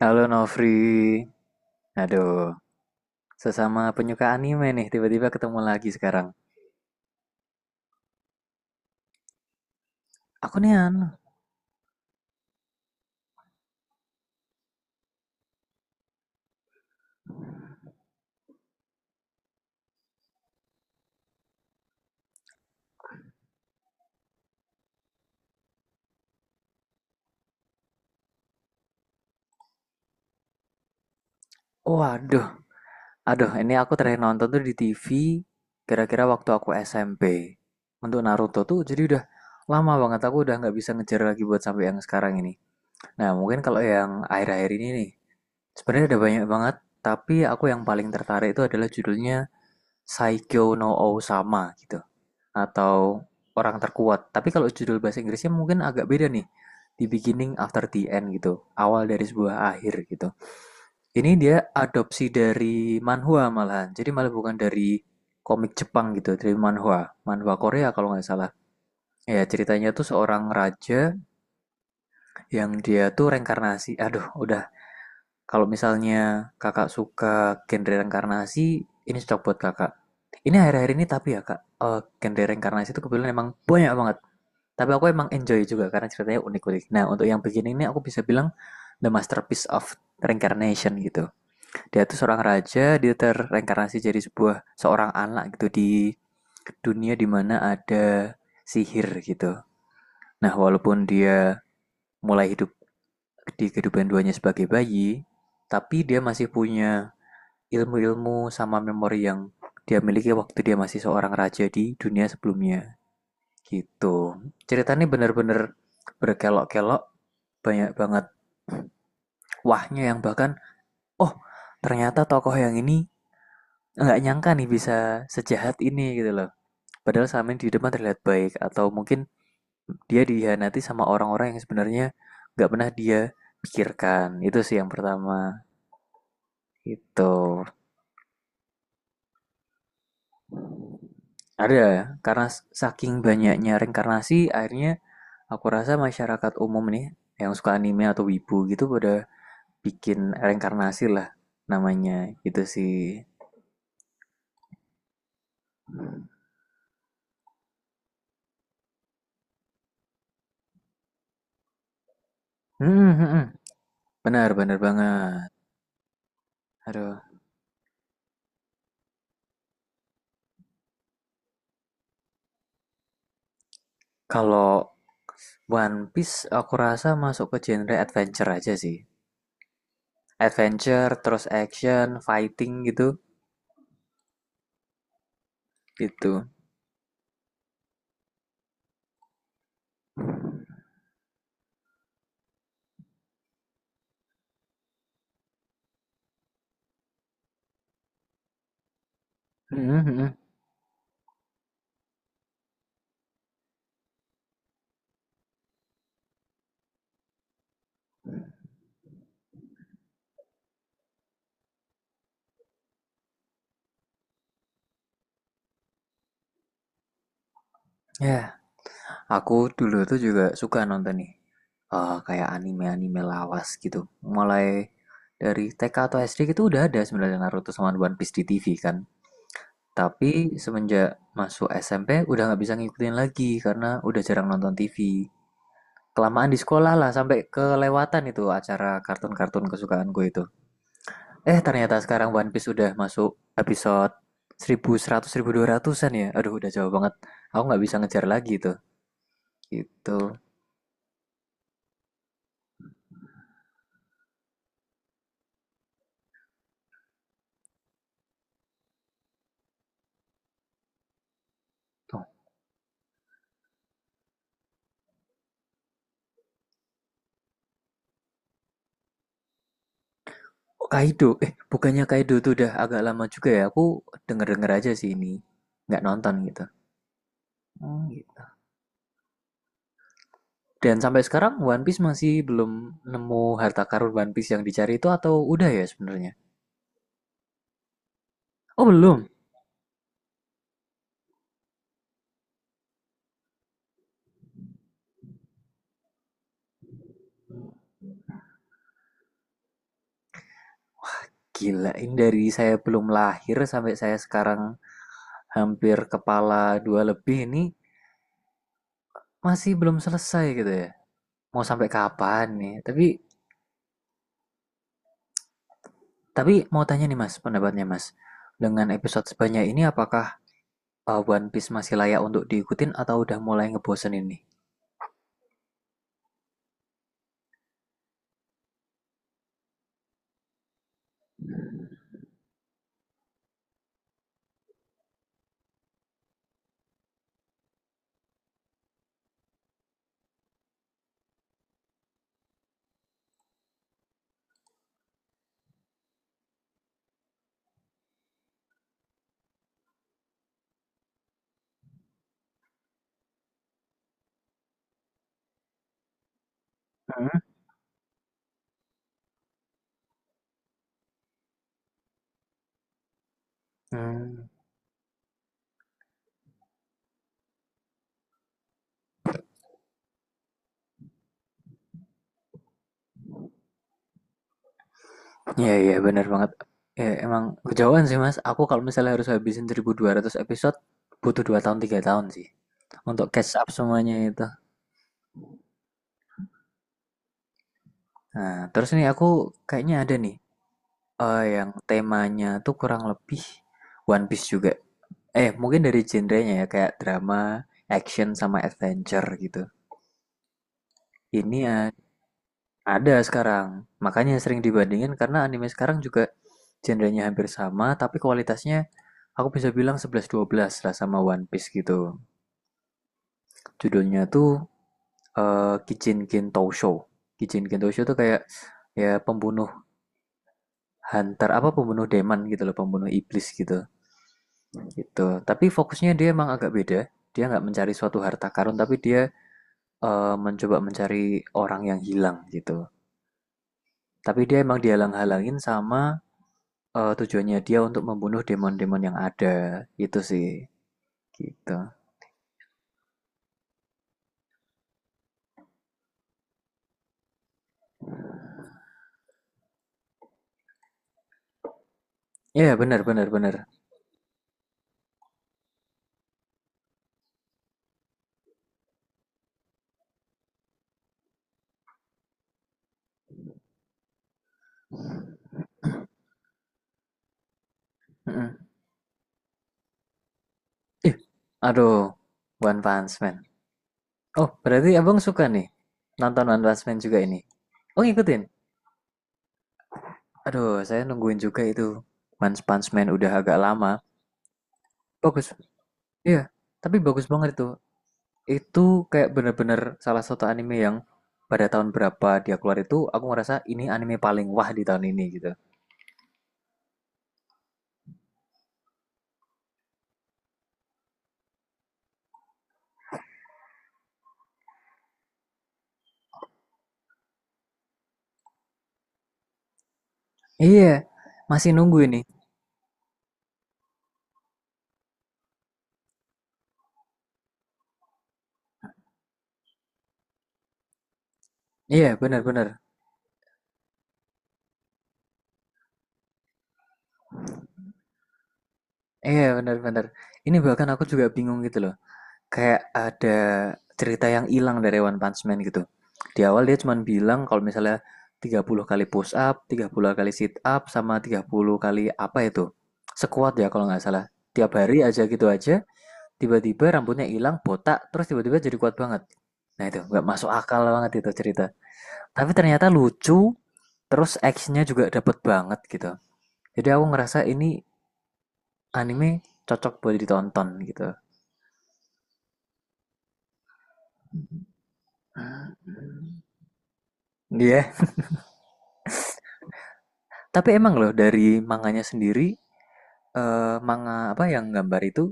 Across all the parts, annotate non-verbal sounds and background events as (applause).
Halo Novri, aduh, sesama penyuka anime nih, tiba-tiba ketemu lagi sekarang. Aku nih anu, waduh, aduh, ini aku terakhir nonton tuh di TV, kira-kira waktu aku SMP. Untuk Naruto tuh, jadi udah lama banget aku udah nggak bisa ngejar lagi buat sampai yang sekarang ini. Nah, mungkin kalau yang akhir-akhir ini nih, sebenarnya ada banyak banget, tapi aku yang paling tertarik itu adalah judulnya Saikyo no Sama gitu, atau orang terkuat. Tapi kalau judul bahasa Inggrisnya mungkin agak beda nih. The beginning after the end gitu. Awal dari sebuah akhir gitu. Ini dia adopsi dari manhwa malahan. Jadi malah bukan dari komik Jepang gitu, dari manhwa. Manhwa Korea kalau nggak salah. Ya, ceritanya tuh seorang raja yang dia tuh reinkarnasi. Aduh, udah. Kalau misalnya kakak suka genre reinkarnasi, ini cocok buat kakak. Ini akhir-akhir ini tapi ya kak, genre reinkarnasi itu kebetulan emang banyak banget. Tapi aku emang enjoy juga karena ceritanya unik-unik. Nah, untuk yang begini ini aku bisa bilang the masterpiece of reincarnation gitu. Dia tuh seorang raja, dia terreinkarnasi jadi sebuah seorang anak gitu di dunia dimana ada sihir gitu. Nah, walaupun dia mulai hidup di kehidupan duanya sebagai bayi, tapi dia masih punya ilmu-ilmu sama memori yang dia miliki waktu dia masih seorang raja di dunia sebelumnya gitu. Ceritanya benar-benar berkelok-kelok. Banyak banget wahnya, yang bahkan, oh, ternyata tokoh yang ini nggak nyangka nih bisa sejahat ini gitu loh. Padahal selama ini di depan terlihat baik, atau mungkin dia dihianati sama orang-orang yang sebenarnya nggak pernah dia pikirkan. Itu sih yang pertama. Itu ada karena saking banyaknya reinkarnasi, akhirnya aku rasa masyarakat umum nih yang suka anime atau wibu gitu pada bikin reinkarnasi lah namanya. Itu sih. Hmm, hmm, hmm. Benar benar banget. Aduh, kalau One Piece aku rasa masuk ke genre adventure aja sih. Adventure, terus action, fighting gitu, gitu. Mhm, hmm. Ya, aku dulu tuh juga suka nonton nih, kayak anime-anime lawas gitu. Mulai dari TK atau SD gitu udah ada sebenarnya Naruto sama One Piece di TV kan. Tapi semenjak masuk SMP udah nggak bisa ngikutin lagi karena udah jarang nonton TV. Kelamaan di sekolah lah sampai kelewatan itu acara kartun-kartun kesukaan gue itu. Eh, ternyata sekarang One Piece udah masuk episode 1100 dua ratusan ya. Aduh, udah jauh banget. Aku nggak bisa ngejar lagi itu. Gitu. Oh, Kaido. Eh, bukannya Kaido tuh udah agak lama juga ya. Aku denger-denger aja sih ini. Nggak nonton gitu. Hmm, gitu. Dan sampai sekarang One Piece masih belum nemu harta karun One Piece yang dicari itu, atau udah ya sebenarnya? Oh, belum. Gila, ini dari saya belum lahir sampai saya sekarang hampir kepala dua lebih ini masih belum selesai gitu ya. Mau sampai kapan nih? tapi mau tanya nih Mas, pendapatnya Mas. Dengan episode sebanyak ini apakah One Piece masih layak untuk diikutin atau udah mulai ngebosenin nih? Hmm? Hmm. Ya, iya, benar banget. Ya, emang kejauhan sih Mas. Aku kalau misalnya harus habisin 1200 episode butuh 2 tahun 3 tahun sih untuk catch up semuanya itu. Nah, terus nih aku kayaknya ada nih, yang temanya tuh kurang lebih One Piece juga. Eh, mungkin dari genrenya ya kayak drama, action sama adventure gitu. Ini a- ada sekarang. Makanya sering dibandingin karena anime sekarang juga genrenya hampir sama, tapi kualitasnya aku bisa bilang sebelas dua belas lah sama One Piece gitu. Judulnya tuh Kijinkin Tousho. Kijinkin Tousho tuh kayak, ya, pembunuh hunter apa pembunuh demon gitu loh, pembunuh iblis gitu. Gitu. Tapi fokusnya dia emang agak beda. Dia nggak mencari suatu harta karun, tapi dia mencoba mencari orang yang hilang gitu. Tapi dia emang dihalang-halangin sama, tujuannya dia untuk membunuh demon-demon yang ada. Itu sih. Gitu. Iya, yeah, benar benar benar. Mm-mm. Ih, aduh. One Punch Man. Oh, berarti abang suka nih nonton One Punch Man juga ini. Oh, ngikutin. Aduh, saya nungguin juga itu. One Punch Man udah agak lama. Bagus. Iya, tapi bagus banget itu. Itu kayak bener-bener salah satu anime yang pada tahun berapa dia keluar itu aku ngerasa ini anime paling wah di tahun ini gitu. Iya, masih nunggu ini. Iya, bener-bener. Iya, bener-bener. Ini bahkan aku juga bingung gitu loh. Kayak ada cerita yang hilang dari One Punch Man gitu. Di awal dia cuman bilang kalau misalnya 30 kali push up, 30 kali sit up, sama 30 kali apa itu. Sekuat ya kalau nggak salah. Tiap hari aja gitu aja, tiba-tiba rambutnya hilang, botak, terus tiba-tiba jadi kuat banget. Nah, itu nggak masuk akal banget itu cerita. Tapi ternyata lucu, terus actionnya juga dapet banget gitu. Jadi aku ngerasa ini anime cocok buat ditonton gitu. Iya. Yeah. Tapi emang loh dari manganya sendiri, manga apa yang gambar itu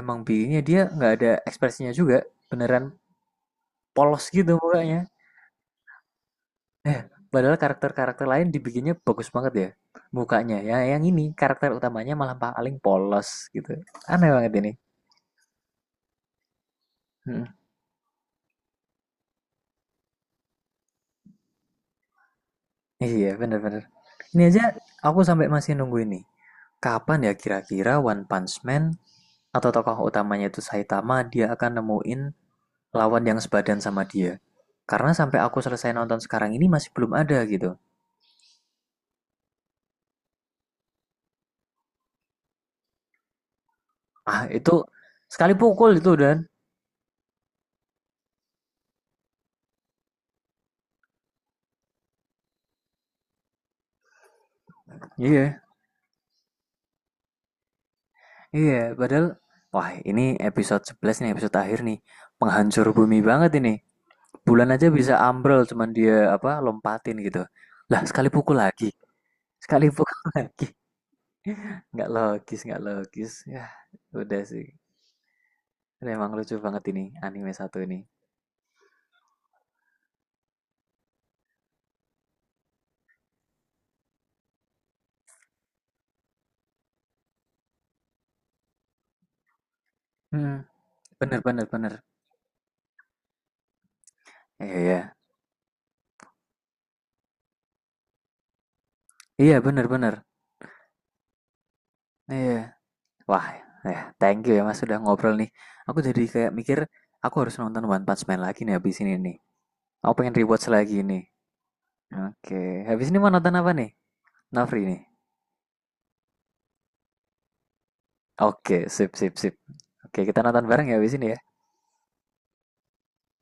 emang bikinnya dia nggak ada ekspresinya juga, beneran polos gitu mukanya. Eh, padahal karakter-karakter lain dibikinnya bagus banget ya mukanya. Ya, yang ini karakter utamanya malah paling polos gitu. Aneh banget ini. Mm. Iya, bener-bener. Ini aja aku sampai masih nunggu ini. Kapan ya kira-kira One Punch Man atau tokoh utamanya itu Saitama dia akan nemuin lawan yang sebadan sama dia. Karena sampai aku selesai nonton sekarang ini masih belum ada gitu. Ah, itu sekali pukul itu dan. Iya. Iya, padahal wah ini episode 11 nih, episode akhir nih. Penghancur bumi banget ini. Bulan aja bisa ambrol cuman dia apa lompatin gitu. Lah, sekali pukul lagi. Sekali pukul (laughs) lagi. Nggak logis, nggak logis. Ya, udah sih. Memang lucu banget ini anime satu ini. Hmm, bener bener bener. Iya, iya. Iya, bener bener. Iya. Wah, ya, thank you ya Mas sudah ngobrol nih. Aku jadi kayak mikir aku harus nonton One Punch Man lagi nih habis ini nih. Aku pengen rewatch lagi nih. Oke, habis ini mau nonton apa nih? Nafri nih. Oke, sip, sip, sip. Oke, kita nonton bareng ya habis ini ya.